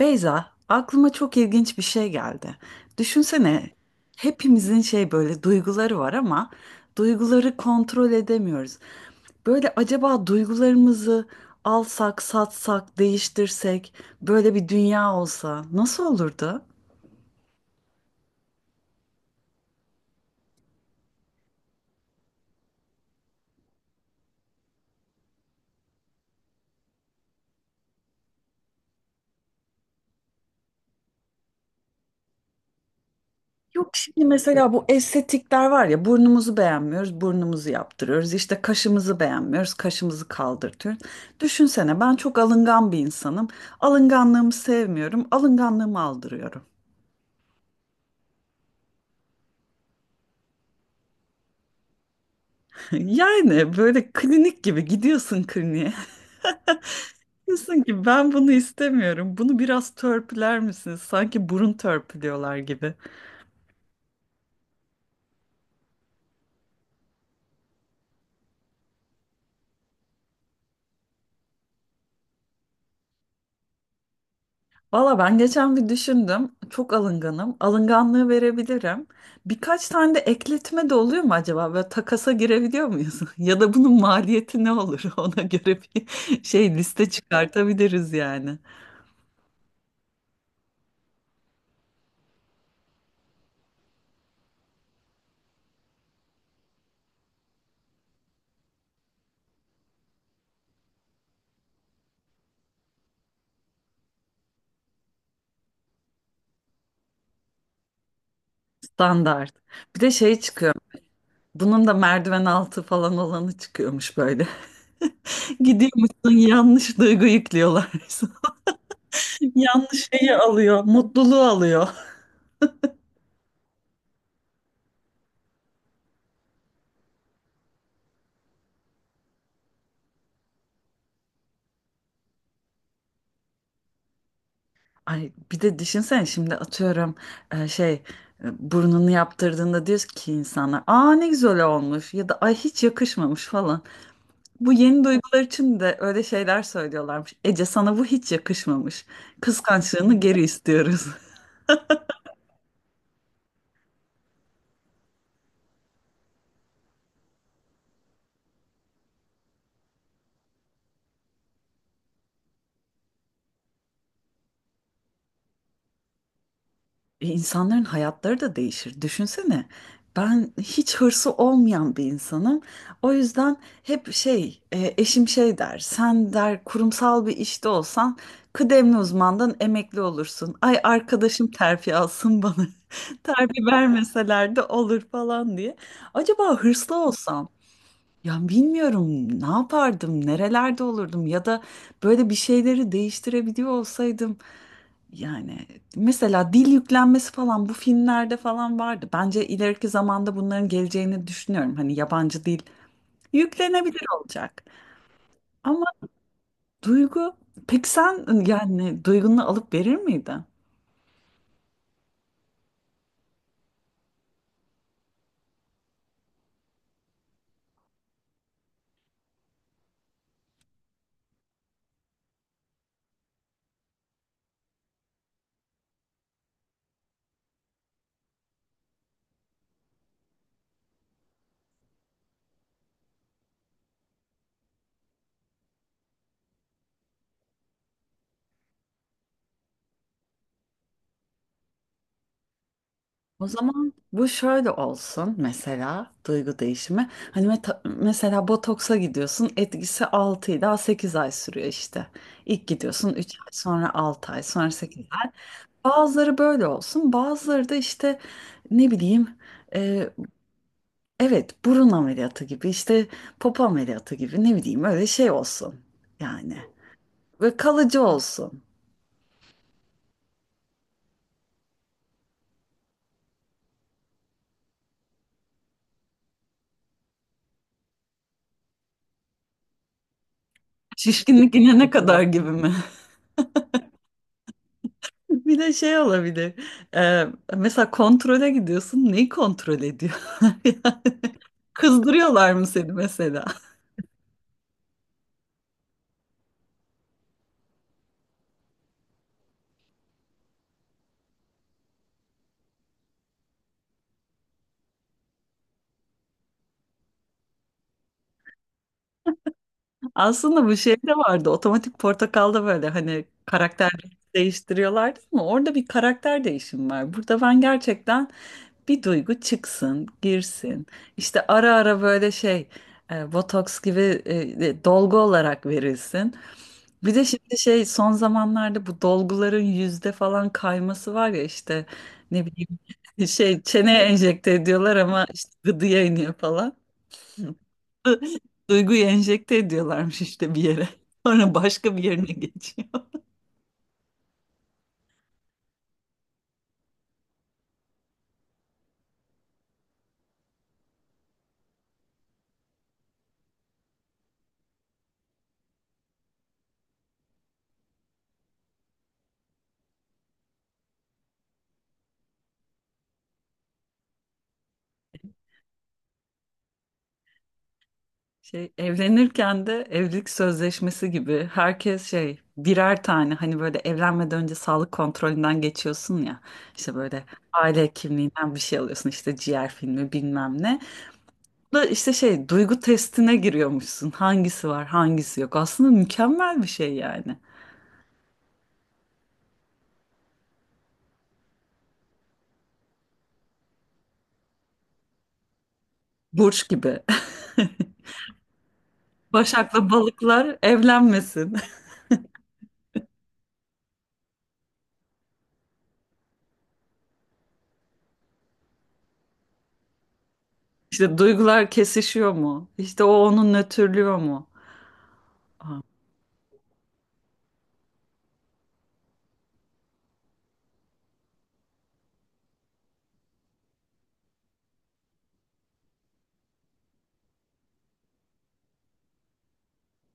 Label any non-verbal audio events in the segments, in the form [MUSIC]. Beyza, aklıma çok ilginç bir şey geldi. Düşünsene, hepimizin şey böyle duyguları var ama duyguları kontrol edemiyoruz. Böyle acaba duygularımızı alsak, satsak, değiştirsek böyle bir dünya olsa nasıl olurdu? Yok şimdi mesela bu estetikler var ya burnumuzu beğenmiyoruz, burnumuzu yaptırıyoruz. İşte kaşımızı beğenmiyoruz, kaşımızı kaldırtıyoruz. Düşünsene ben çok alıngan bir insanım. Alınganlığımı sevmiyorum, alınganlığımı aldırıyorum. Yani böyle klinik gibi gidiyorsun kliniğe. [LAUGHS] Diyorsun ki ben bunu istemiyorum. Bunu biraz törpüler misiniz? Sanki burun törpülüyorlar gibi. Valla ben geçen bir düşündüm. Çok alınganım. Alınganlığı verebilirim. Birkaç tane de ekletme de oluyor mu acaba? Böyle takasa girebiliyor muyuz? [LAUGHS] Ya da bunun maliyeti ne olur? [LAUGHS] Ona göre bir şey liste çıkartabiliriz yani. Standart. Bir de şey çıkıyor. Bunun da merdiven altı falan olanı çıkıyormuş böyle. [LAUGHS] Gidiyormuşsun yanlış duygu yüklüyorlar. [LAUGHS] Yanlış şeyi alıyor, mutluluğu alıyor. Ay bir de düşünsene şimdi atıyorum şey burnunu yaptırdığında diyor ki insana aa ne güzel olmuş ya da ay hiç yakışmamış falan. Bu yeni duygular için de öyle şeyler söylüyorlarmış. Ece sana bu hiç yakışmamış. Kıskançlığını geri istiyoruz. [LAUGHS] İnsanların hayatları da değişir. Düşünsene. Ben hiç hırsı olmayan bir insanım. O yüzden hep eşim şey der. Sen der kurumsal bir işte olsan kıdemli uzmandan emekli olursun. Ay arkadaşım terfi alsın bana. [LAUGHS] Terfi vermeseler de olur falan diye. Acaba hırslı olsam ya bilmiyorum ne yapardım, nerelerde olurdum ya da böyle bir şeyleri değiştirebiliyor olsaydım yani mesela dil yüklenmesi falan bu filmlerde falan vardı. Bence ileriki zamanda bunların geleceğini düşünüyorum. Hani yabancı dil yüklenebilir olacak. Ama duygu peki sen yani duygunu alıp verir miydin? O zaman bu şöyle olsun mesela duygu değişimi. Hani mesela botoksa gidiyorsun etkisi 6 ila 8 ay sürüyor işte. İlk gidiyorsun 3 ay sonra 6 ay sonra 8. Bazıları böyle olsun, bazıları da işte ne bileyim e, evet burun ameliyatı gibi işte popo ameliyatı gibi ne bileyim öyle şey olsun yani ve kalıcı olsun. Şişkinlik inene kadar gibi mi? [LAUGHS] Bir de şey olabilir e, mesela kontrole gidiyorsun neyi kontrol ediyor? [LAUGHS] Kızdırıyorlar mı seni mesela? Aslında bu şey de vardı otomatik portakalda böyle hani karakter değiştiriyorlardı ama orada bir karakter değişimi var. Burada ben gerçekten bir duygu çıksın, girsin. İşte ara ara böyle botoks gibi dolgu olarak verilsin. Bir de şimdi şey son zamanlarda bu dolguların yüzde falan kayması var ya işte ne bileyim [LAUGHS] şey çeneye enjekte ediyorlar ama işte gıdıya iniyor falan. [LAUGHS] Duyguyu enjekte ediyorlarmış işte bir yere. [LAUGHS] Sonra başka bir yerine geçiyor. Evlenirken de evlilik sözleşmesi gibi herkes birer tane hani böyle evlenmeden önce sağlık kontrolünden geçiyorsun ya işte böyle aile kimliğinden bir şey alıyorsun işte ciğer filmi bilmem ne. Bu da işte şey duygu testine giriyormuşsun hangisi var hangisi yok aslında mükemmel bir şey yani burç gibi. [LAUGHS] Başak'la balıklar evlenmesin. [LAUGHS] İşte duygular kesişiyor mu? İşte o onu nötrlüyor mu?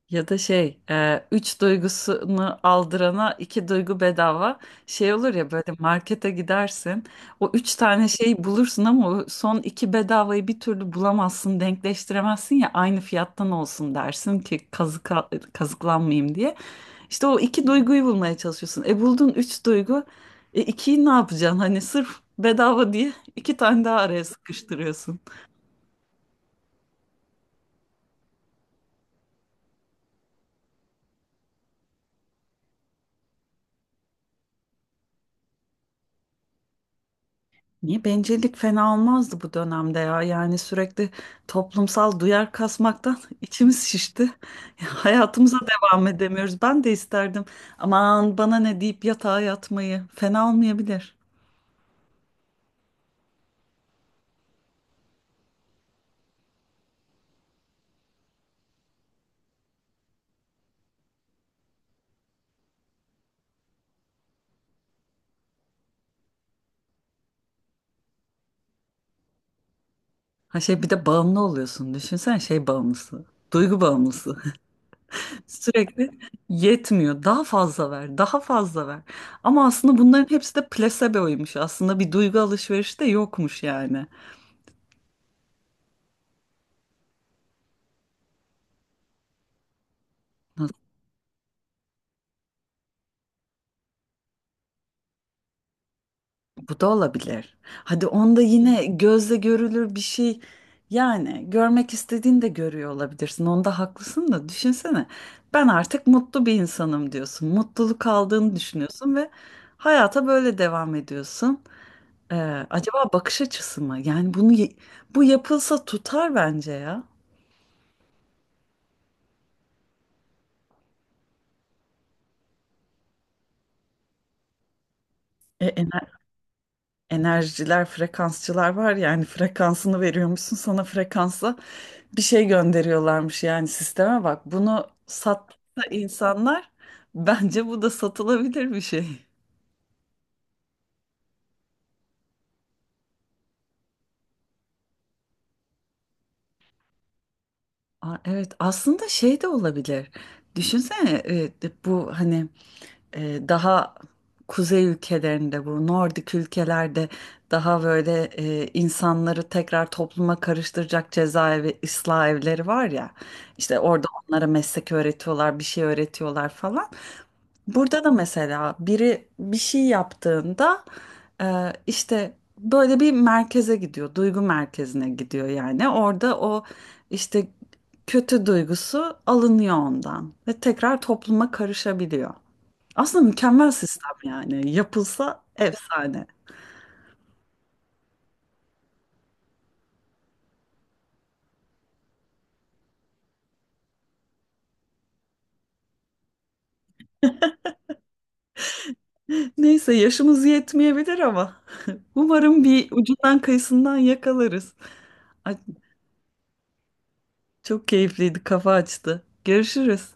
Ya da üç duygusunu aldırana iki duygu bedava. Şey olur ya böyle markete gidersin, o üç tane şeyi bulursun ama o son iki bedavayı bir türlü bulamazsın, denkleştiremezsin ya aynı fiyattan olsun dersin ki kazık kazıklanmayayım diye. İşte o iki duyguyu bulmaya çalışıyorsun. E buldun üç duygu, e ikiyi ne yapacaksın? Hani sırf bedava diye iki tane daha araya sıkıştırıyorsun. Niye bencillik fena olmazdı bu dönemde ya? Yani sürekli toplumsal duyar kasmaktan [LAUGHS] içimiz şişti. Ya, hayatımıza devam edemiyoruz. Ben de isterdim. Aman bana ne deyip yatağa yatmayı. Fena olmayabilir. Ha şey bir de bağımlı oluyorsun. Düşünsen şey bağımlısı. Duygu bağımlısı. [LAUGHS] Sürekli yetmiyor. Daha fazla ver, daha fazla ver. Ama aslında bunların hepsi de plaseboymuş. Aslında bir duygu alışverişi de yokmuş yani. Bu da olabilir. Hadi onda yine gözle görülür bir şey. Yani görmek istediğini de görüyor olabilirsin. Onda haklısın da düşünsene. Ben artık mutlu bir insanım diyorsun. Mutluluk aldığını düşünüyorsun ve hayata böyle devam ediyorsun. Ee, acaba bakış açısı mı? Yani bunu bu yapılsa tutar bence ya. E, ener- Enerjiler, frekansçılar var yani frekansını veriyormuşsun sana frekansla bir şey gönderiyorlarmış yani sisteme bak. Bunu sattı insanlar [LAUGHS] bence bu da satılabilir bir şey. Aa, evet aslında şey de olabilir. Düşünsene bu hani daha kuzey ülkelerinde bu Nordik ülkelerde daha böyle insanları tekrar topluma karıştıracak cezaevi ıslah evleri var ya. İşte orada onlara meslek öğretiyorlar, bir şey öğretiyorlar falan. Burada da mesela biri bir şey yaptığında işte böyle bir merkeze gidiyor, duygu merkezine gidiyor yani. Orada o işte kötü duygusu alınıyor ondan ve tekrar topluma karışabiliyor. Aslında mükemmel sistem yani. Yapılsa efsane. [LAUGHS] Neyse yaşımız yetmeyebilir ama [LAUGHS] umarım bir ucundan kıyısından yakalarız. Ay, çok keyifliydi, kafa açtı. Görüşürüz.